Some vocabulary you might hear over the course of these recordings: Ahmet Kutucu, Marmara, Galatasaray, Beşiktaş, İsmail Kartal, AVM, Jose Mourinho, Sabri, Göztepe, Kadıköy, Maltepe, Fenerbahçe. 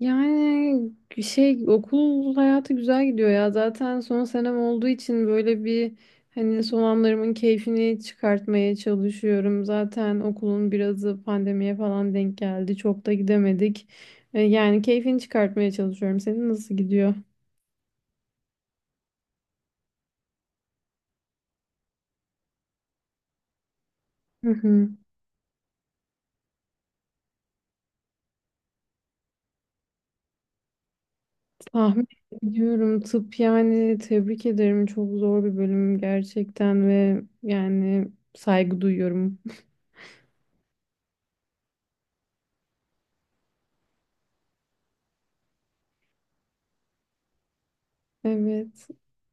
Yani şey okul hayatı güzel gidiyor ya. Zaten son senem olduğu için böyle bir hani son anlarımın keyfini çıkartmaya çalışıyorum. Zaten okulun birazı pandemiye falan denk geldi. Çok da gidemedik. Yani keyfini çıkartmaya çalışıyorum. Senin nasıl gidiyor? Hı hı. Tahmin ediyorum tıp yani tebrik ederim. Çok zor bir bölüm gerçekten ve yani saygı duyuyorum. Evet.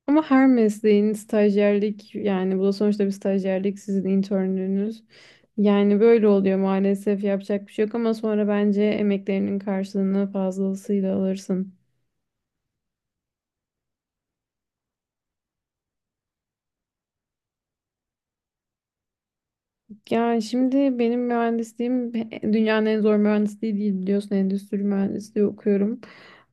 Ama her mesleğin stajyerlik yani bu da sonuçta bir stajyerlik sizin internlüğünüz. Yani böyle oluyor maalesef yapacak bir şey yok ama sonra bence emeklerinin karşılığını fazlasıyla alırsın. Yani şimdi benim mühendisliğim dünyanın en zor mühendisliği değil biliyorsun endüstri mühendisliği okuyorum.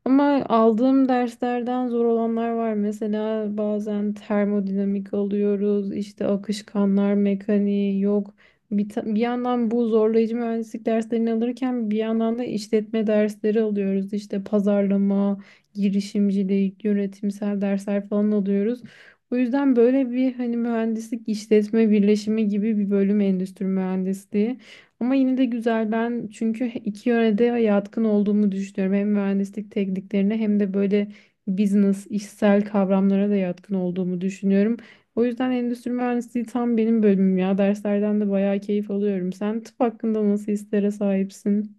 Ama aldığım derslerden zor olanlar var. Mesela bazen termodinamik alıyoruz, işte akışkanlar mekaniği yok. Bir yandan bu zorlayıcı mühendislik derslerini alırken bir yandan da işletme dersleri alıyoruz. İşte pazarlama, girişimcilik, yönetimsel dersler falan alıyoruz. Bu yüzden böyle bir hani mühendislik işletme birleşimi gibi bir bölüm endüstri mühendisliği. Ama yine de güzel ben çünkü iki yöne de yatkın olduğumu düşünüyorum. Hem mühendislik tekniklerine hem de böyle business, işsel kavramlara da yatkın olduğumu düşünüyorum. O yüzden endüstri mühendisliği tam benim bölümüm ya. Derslerden de bayağı keyif alıyorum. Sen tıp hakkında nasıl hislere sahipsin?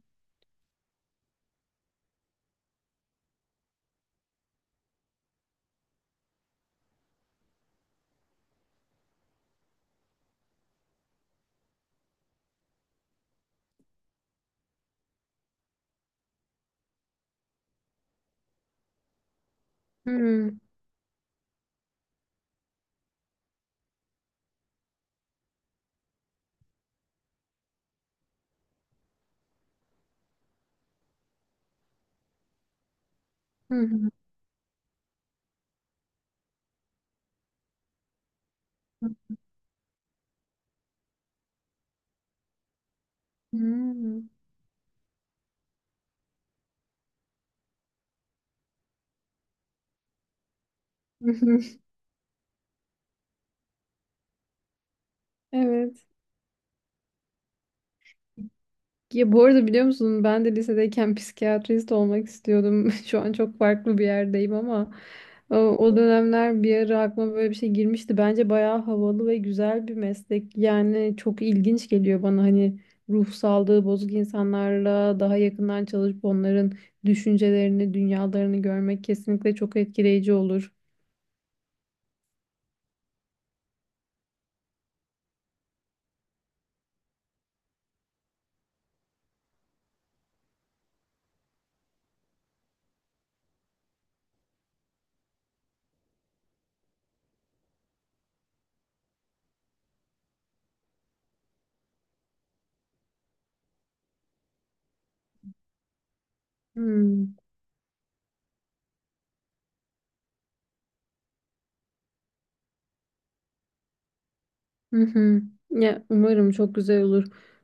Hmm. Hmm. Hmm. Evet. Ya bu arada biliyor musun ben de lisedeyken psikiyatrist olmak istiyordum. Şu an çok farklı bir yerdeyim ama o dönemler bir ara aklıma böyle bir şey girmişti. Bence bayağı havalı ve güzel bir meslek. Yani çok ilginç geliyor bana hani ruh sağlığı bozuk insanlarla daha yakından çalışıp onların düşüncelerini, dünyalarını görmek kesinlikle çok etkileyici olur. Hmm. Hı hı. Ya umarım çok güzel olur.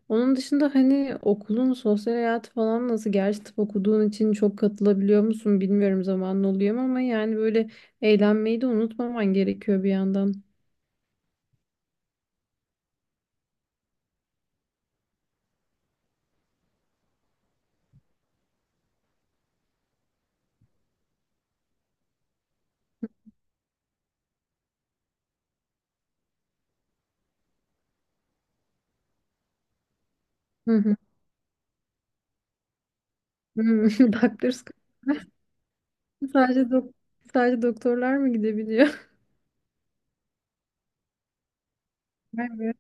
Onun dışında hani okulun sosyal hayatı falan nasıl? Gerçi tıp okuduğun için çok katılabiliyor musun bilmiyorum zamanın oluyor mu ama yani böyle eğlenmeyi de unutmaman gerekiyor bir yandan. Hı hı. Hı. Doctors Club'a sadece doktorlar mı gidebiliyor? Evet.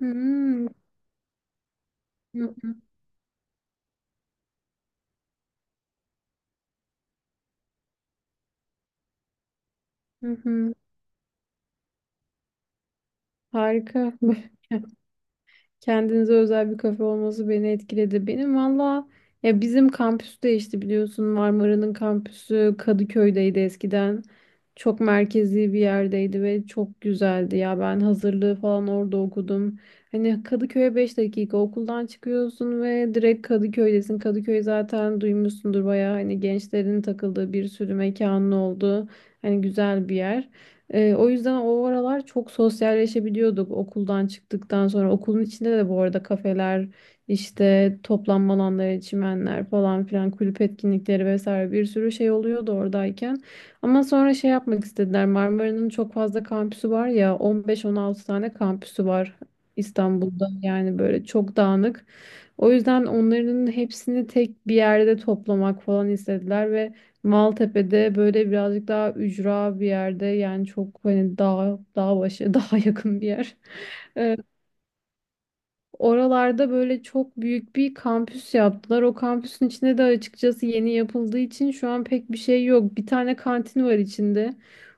Hmm. Hı hı. Hı hı. Harika. Kendinize özel bir kafe olması beni etkiledi. Benim valla ya bizim kampüs değişti biliyorsun. Marmara'nın kampüsü Kadıköy'deydi eskiden. Çok merkezi bir yerdeydi ve çok güzeldi ya. Ben hazırlığı falan orada okudum. Hani Kadıköy'e 5 dakika okuldan çıkıyorsun ve direkt Kadıköy'desin. Kadıköy zaten duymuşsundur bayağı hani gençlerin takıldığı bir sürü mekanın oldu. Hani güzel bir yer. O yüzden o aralar çok sosyalleşebiliyorduk okuldan çıktıktan sonra. Okulun içinde de bu arada kafeler, işte toplanma alanları, çimenler falan filan, kulüp etkinlikleri vesaire bir sürü şey oluyordu oradayken. Ama sonra şey yapmak istediler. Marmara'nın çok fazla kampüsü var ya 15-16 tane kampüsü var İstanbul'da yani böyle çok dağınık. O yüzden onların hepsini tek bir yerde toplamak falan istediler ve Maltepe'de böyle birazcık daha ücra bir yerde yani çok hani dağ başı, dağa yakın bir yer. Oralarda böyle çok büyük bir kampüs yaptılar. O kampüsün içinde de açıkçası yeni yapıldığı için şu an pek bir şey yok. Bir tane kantin var içinde.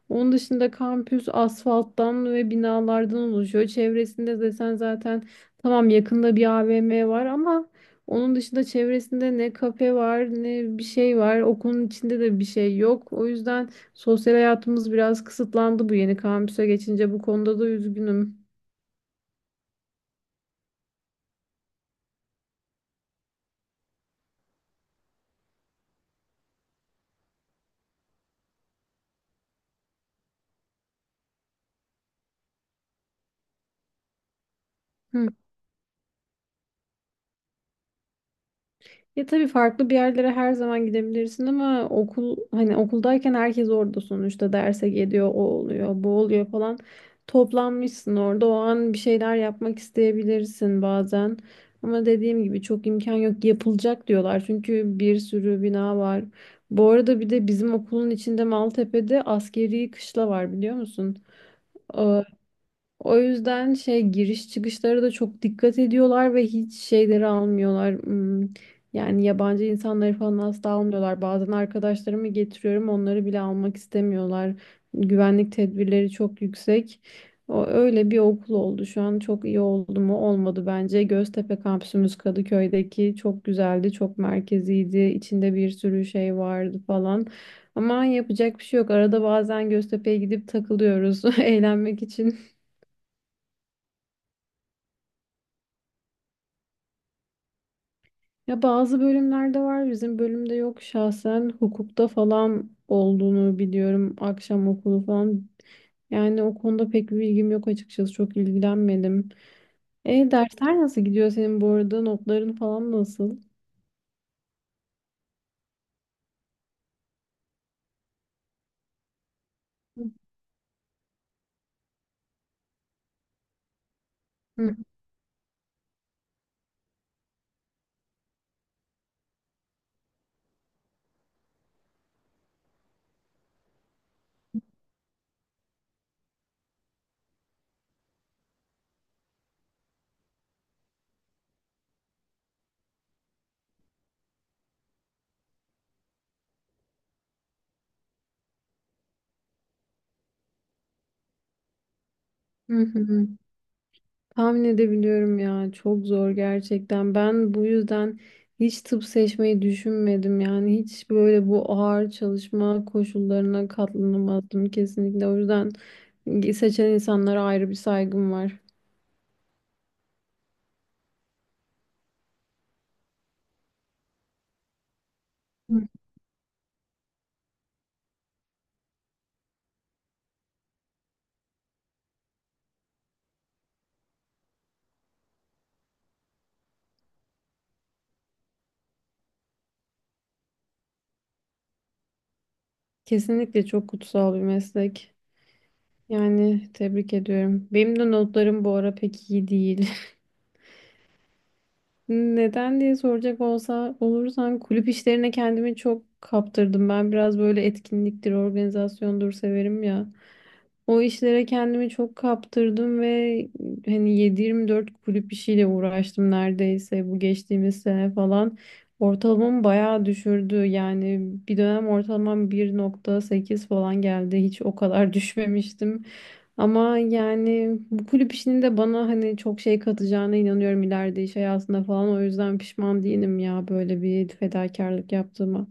Onun dışında kampüs asfalttan ve binalardan oluşuyor. Çevresinde desen zaten tamam yakında bir AVM var ama onun dışında çevresinde ne kafe var ne bir şey var. Okulun içinde de bir şey yok. O yüzden sosyal hayatımız biraz kısıtlandı bu yeni kampüse geçince. Bu konuda da üzgünüm. Ya tabii farklı bir yerlere her zaman gidebilirsin ama okul hani okuldayken herkes orada sonuçta derse geliyor, o oluyor, bu oluyor falan. Toplanmışsın orada o an bir şeyler yapmak isteyebilirsin bazen. Ama dediğim gibi çok imkan yok yapılacak diyorlar çünkü bir sürü bina var. Bu arada bir de bizim okulun içinde Maltepe'de askeri kışla var biliyor musun? Ee, O yüzden şey giriş çıkışlara da çok dikkat ediyorlar ve hiç şeyleri almıyorlar. Hmm. Yani yabancı insanları falan asla almıyorlar. Bazen arkadaşlarımı getiriyorum, onları bile almak istemiyorlar. Güvenlik tedbirleri çok yüksek. O öyle bir okul oldu şu an. Çok iyi oldu mu? Olmadı bence. Göztepe kampüsümüz Kadıköy'deki çok güzeldi, çok merkeziydi. İçinde bir sürü şey vardı falan. Ama yapacak bir şey yok. Arada bazen Göztepe'ye gidip takılıyoruz eğlenmek için. Ya bazı bölümlerde var bizim bölümde yok şahsen hukukta falan olduğunu biliyorum akşam okulu falan. Yani o konuda pek bir bilgim yok açıkçası çok ilgilenmedim. E dersler nasıl gidiyor senin bu arada notların falan nasıl? Hı hı hı. Tahmin edebiliyorum ya. Çok zor gerçekten. Ben bu yüzden hiç tıp seçmeyi düşünmedim. Yani hiç böyle bu ağır çalışma koşullarına katlanamazdım kesinlikle. O yüzden seçen insanlara ayrı bir saygım var. Hı. Kesinlikle çok kutsal bir meslek. Yani tebrik ediyorum. Benim de notlarım bu ara pek iyi değil. Neden diye soracak olsa olursan kulüp işlerine kendimi çok kaptırdım. Ben biraz böyle etkinliktir, organizasyondur severim ya. O işlere kendimi çok kaptırdım ve hani 7-24 kulüp işiyle uğraştım neredeyse bu geçtiğimiz sene falan. Ortalamamı bayağı düşürdü. Yani bir dönem ortalamam 1,8 falan geldi. Hiç o kadar düşmemiştim. Ama yani bu kulüp işinin de bana hani çok şey katacağına inanıyorum ileride iş hayatında falan. O yüzden pişman değilim ya böyle bir fedakarlık yaptığıma.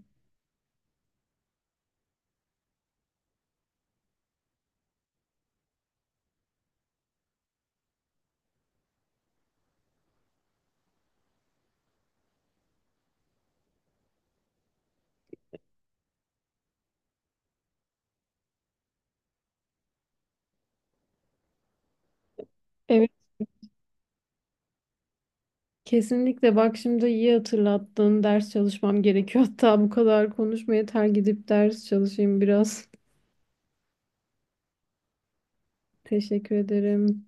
Kesinlikle bak şimdi iyi hatırlattın. Ders çalışmam gerekiyor. Hatta bu kadar konuşmaya yeter gidip ders çalışayım biraz. Teşekkür ederim.